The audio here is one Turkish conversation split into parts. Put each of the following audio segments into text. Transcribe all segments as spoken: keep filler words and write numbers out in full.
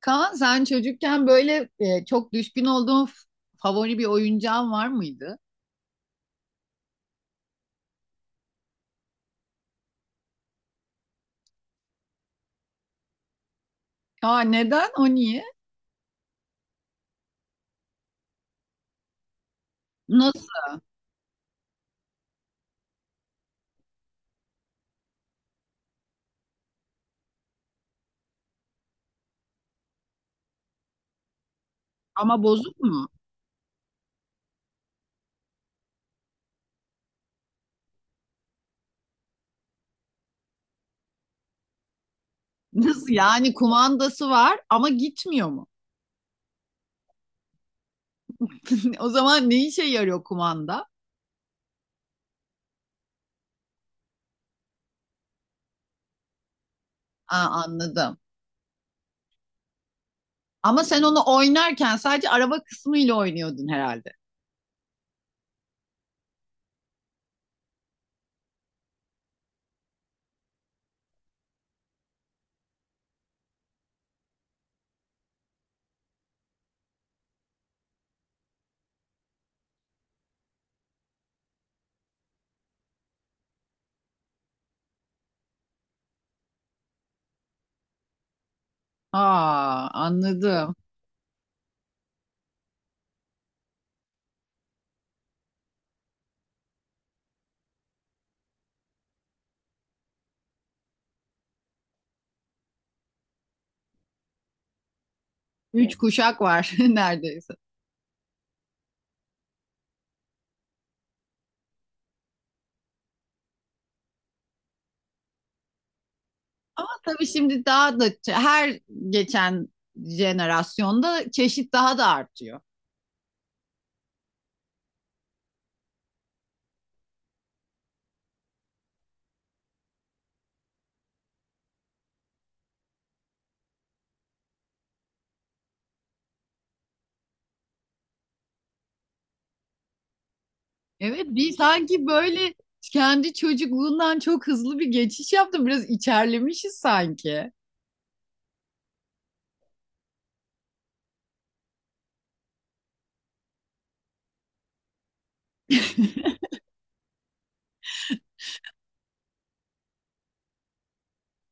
Kaan sen çocukken böyle e, çok düşkün olduğun f- favori bir oyuncağın var mıydı? Aa neden? O niye? Nasıl? Ama bozuk mu? Nasıl? Yani kumandası var ama gitmiyor mu? O zaman ne işe yarıyor kumanda? Aa anladım. Ama sen onu oynarken sadece araba kısmıyla oynuyordun herhalde. Aa anladım. Üç kuşak var neredeyse. Ama tabii şimdi daha da ç- her geçen jenerasyonda çeşit daha da artıyor. Evet bir sanki böyle kendi çocukluğundan çok hızlı bir geçiş yaptım. Biraz içerlemişiz sanki.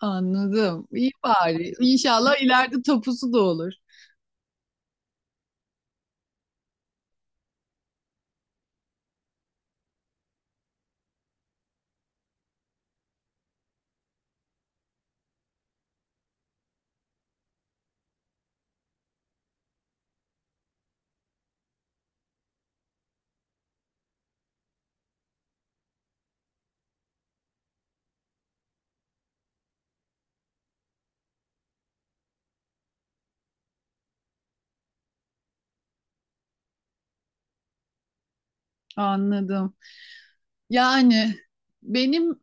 Anladım. İyi bari. İnşallah ileride topusu da olur. Anladım. Yani benim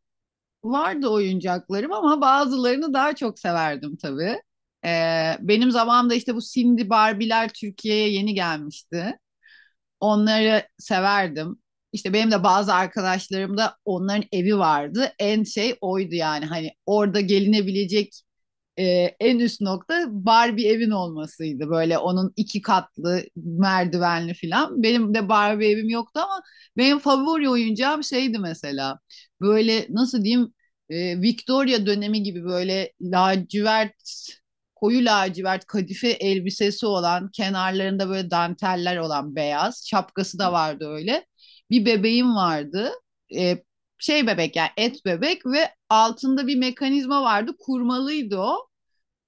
vardı oyuncaklarım ama bazılarını daha çok severdim tabii. Ee, benim zamanımda işte bu Cindy Barbie'ler Türkiye'ye yeni gelmişti. Onları severdim. İşte benim de bazı arkadaşlarım da onların evi vardı. En şey oydu yani hani orada gelinebilecek e, en üst nokta Barbie evin olmasıydı. Böyle onun iki katlı merdivenli filan. Benim de Barbie evim yoktu ama benim favori oyuncağım şeydi mesela. Böyle nasıl diyeyim, e, Victoria dönemi gibi böyle lacivert, koyu lacivert kadife elbisesi olan, kenarlarında böyle danteller olan, beyaz şapkası da vardı öyle. Bir bebeğim vardı. E, Şey bebek yani et bebek, ve altında bir mekanizma vardı, kurmalıydı o,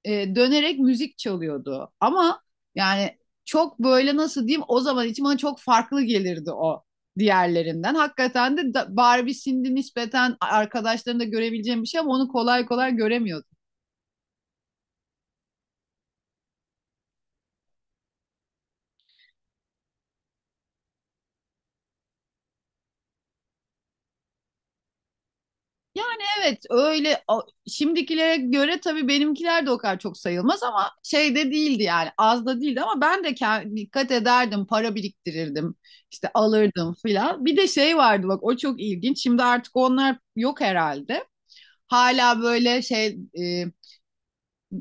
e, dönerek müzik çalıyordu. Ama yani çok böyle nasıl diyeyim, o zaman için bana çok farklı gelirdi o diğerlerinden. Hakikaten de da- Barbie Cindy nispeten arkadaşlarında görebileceğim bir şey ama onu kolay kolay göremiyordum. Yani evet öyle, o- şimdikilere göre tabii benimkiler de o kadar çok sayılmaz ama şey de değildi yani, az da değildi ama ben de ke- dikkat ederdim, para biriktirirdim işte, alırdım filan. Bir de şey vardı bak, o çok ilginç, şimdi artık onlar yok herhalde. Hala böyle şey, e,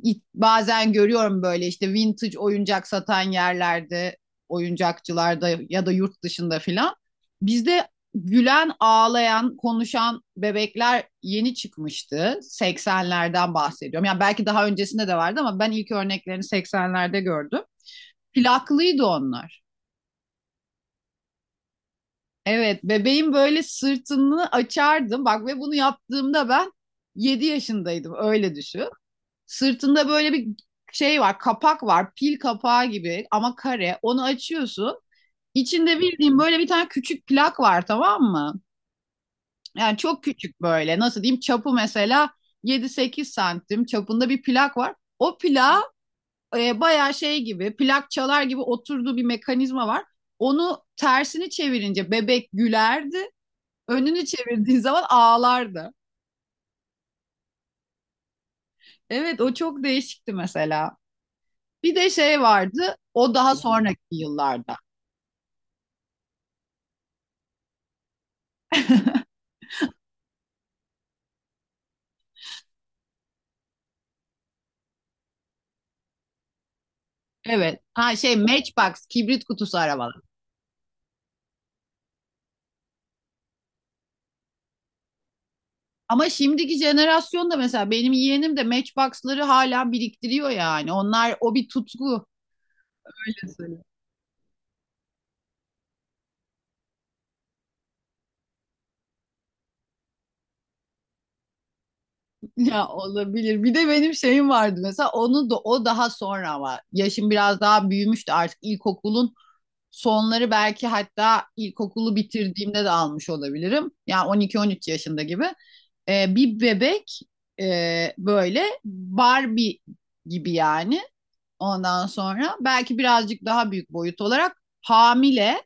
it- bazen görüyorum böyle işte vintage oyuncak satan yerlerde, oyuncakçılarda ya da yurt dışında filan. Bizde gülen, ağlayan, konuşan bebekler yeni çıkmıştı. seksenlerden bahsediyorum. Yani belki daha öncesinde de vardı ama ben ilk örneklerini seksenlerde gördüm. Plaklıydı onlar. Evet, bebeğin böyle sırtını açardım. Bak, ve bunu yaptığımda ben yedi yaşındaydım. Öyle düşün. Sırtında böyle bir şey var, kapak var, pil kapağı gibi ama kare. Onu açıyorsun. İçinde bildiğin böyle bir tane küçük plak var, tamam mı? Yani çok küçük böyle. Nasıl diyeyim? Çapı mesela yedi sekiz santim çapında bir plak var. O plağa e, bayağı şey gibi, plak çalar gibi oturduğu bir mekanizma var. Onu tersini çevirince bebek gülerdi. Önünü çevirdiğin zaman ağlardı. Evet, o çok değişikti mesela. Bir de şey vardı. O daha sonraki yıllarda. Evet. Ha şey, Matchbox, kibrit kutusu arabalar. Ama şimdiki jenerasyonda mesela benim yeğenim de Matchbox'ları hala biriktiriyor yani. Onlar o bir tutku. Öyle söyleyeyim. Ya olabilir. Bir de benim şeyim vardı mesela, onu da o daha sonra ama yaşım biraz daha büyümüştü artık, ilkokulun sonları belki, hatta ilkokulu bitirdiğimde de almış olabilirim. Yani on iki on üç yaşında gibi. Ee, bir bebek, e, böyle Barbie gibi yani. Ondan sonra belki birazcık daha büyük boyut olarak, hamile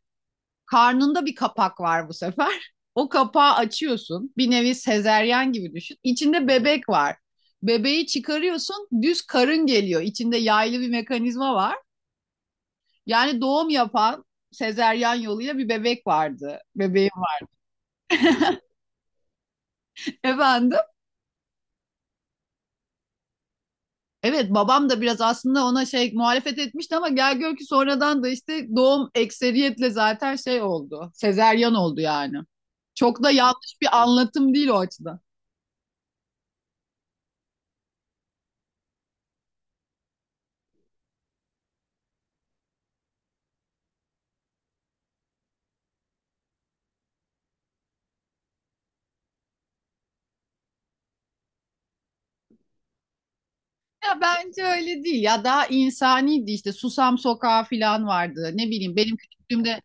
karnında bir kapak var bu sefer. O kapağı açıyorsun. Bir nevi sezeryan gibi düşün. İçinde bebek var. Bebeği çıkarıyorsun, düz karın geliyor. İçinde yaylı bir mekanizma var. Yani doğum yapan, sezeryan yoluyla bir bebek vardı. Bebeğim var. Efendim? Evet, babam da biraz aslında ona şey muhalefet etmişti ama gel gör ki sonradan da işte doğum ekseriyetle zaten şey oldu. Sezeryan oldu yani. Çok da yanlış bir anlatım değil o açıdan. Ya bence öyle değil ya, daha insaniydi işte, Susam Sokağı falan vardı ne bileyim benim küçüklüğümde.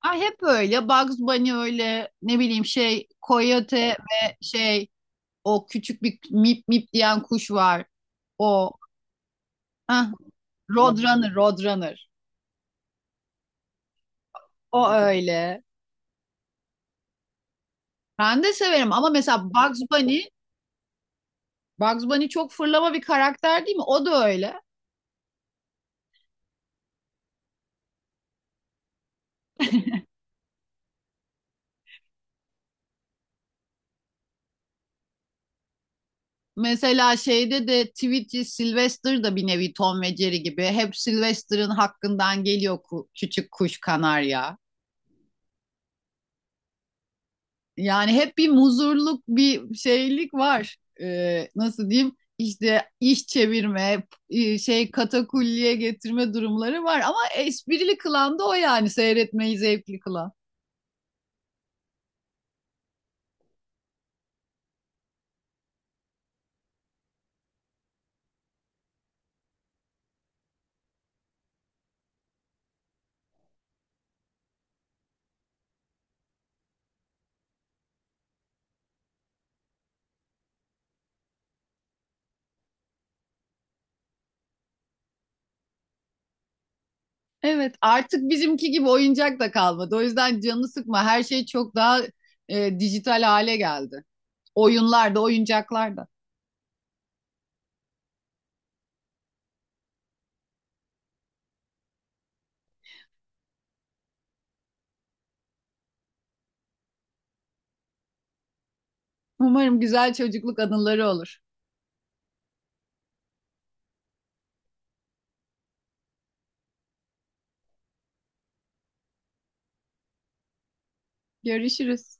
Ay hep öyle, Bugs Bunny öyle, ne bileyim şey Coyote ve şey, o küçük bir mip mip diyen kuş var o, ah, Roadrunner, Roadrunner, o öyle. Ben de severim ama mesela Bugs Bunny, Bugs Bunny çok fırlama bir karakter değil mi? O da öyle. Mesela şeyde de Tweety Sylvester da bir nevi Tom ve Jerry gibi. Hep Sylvester'ın hakkından geliyor, ku- küçük kuş kanarya. Yani hep bir muzurluk, bir şeylik var. Ee, nasıl diyeyim? İşte iş çevirme, e, şey katakulliye getirme durumları var. Ama esprili kılan da o yani, seyretmeyi zevkli kılan. Evet, artık bizimki gibi oyuncak da kalmadı. O yüzden canını sıkma. Her şey çok daha e, dijital hale geldi. Oyunlar da, oyuncaklar da. Umarım güzel çocukluk anıları olur. Görüşürüz.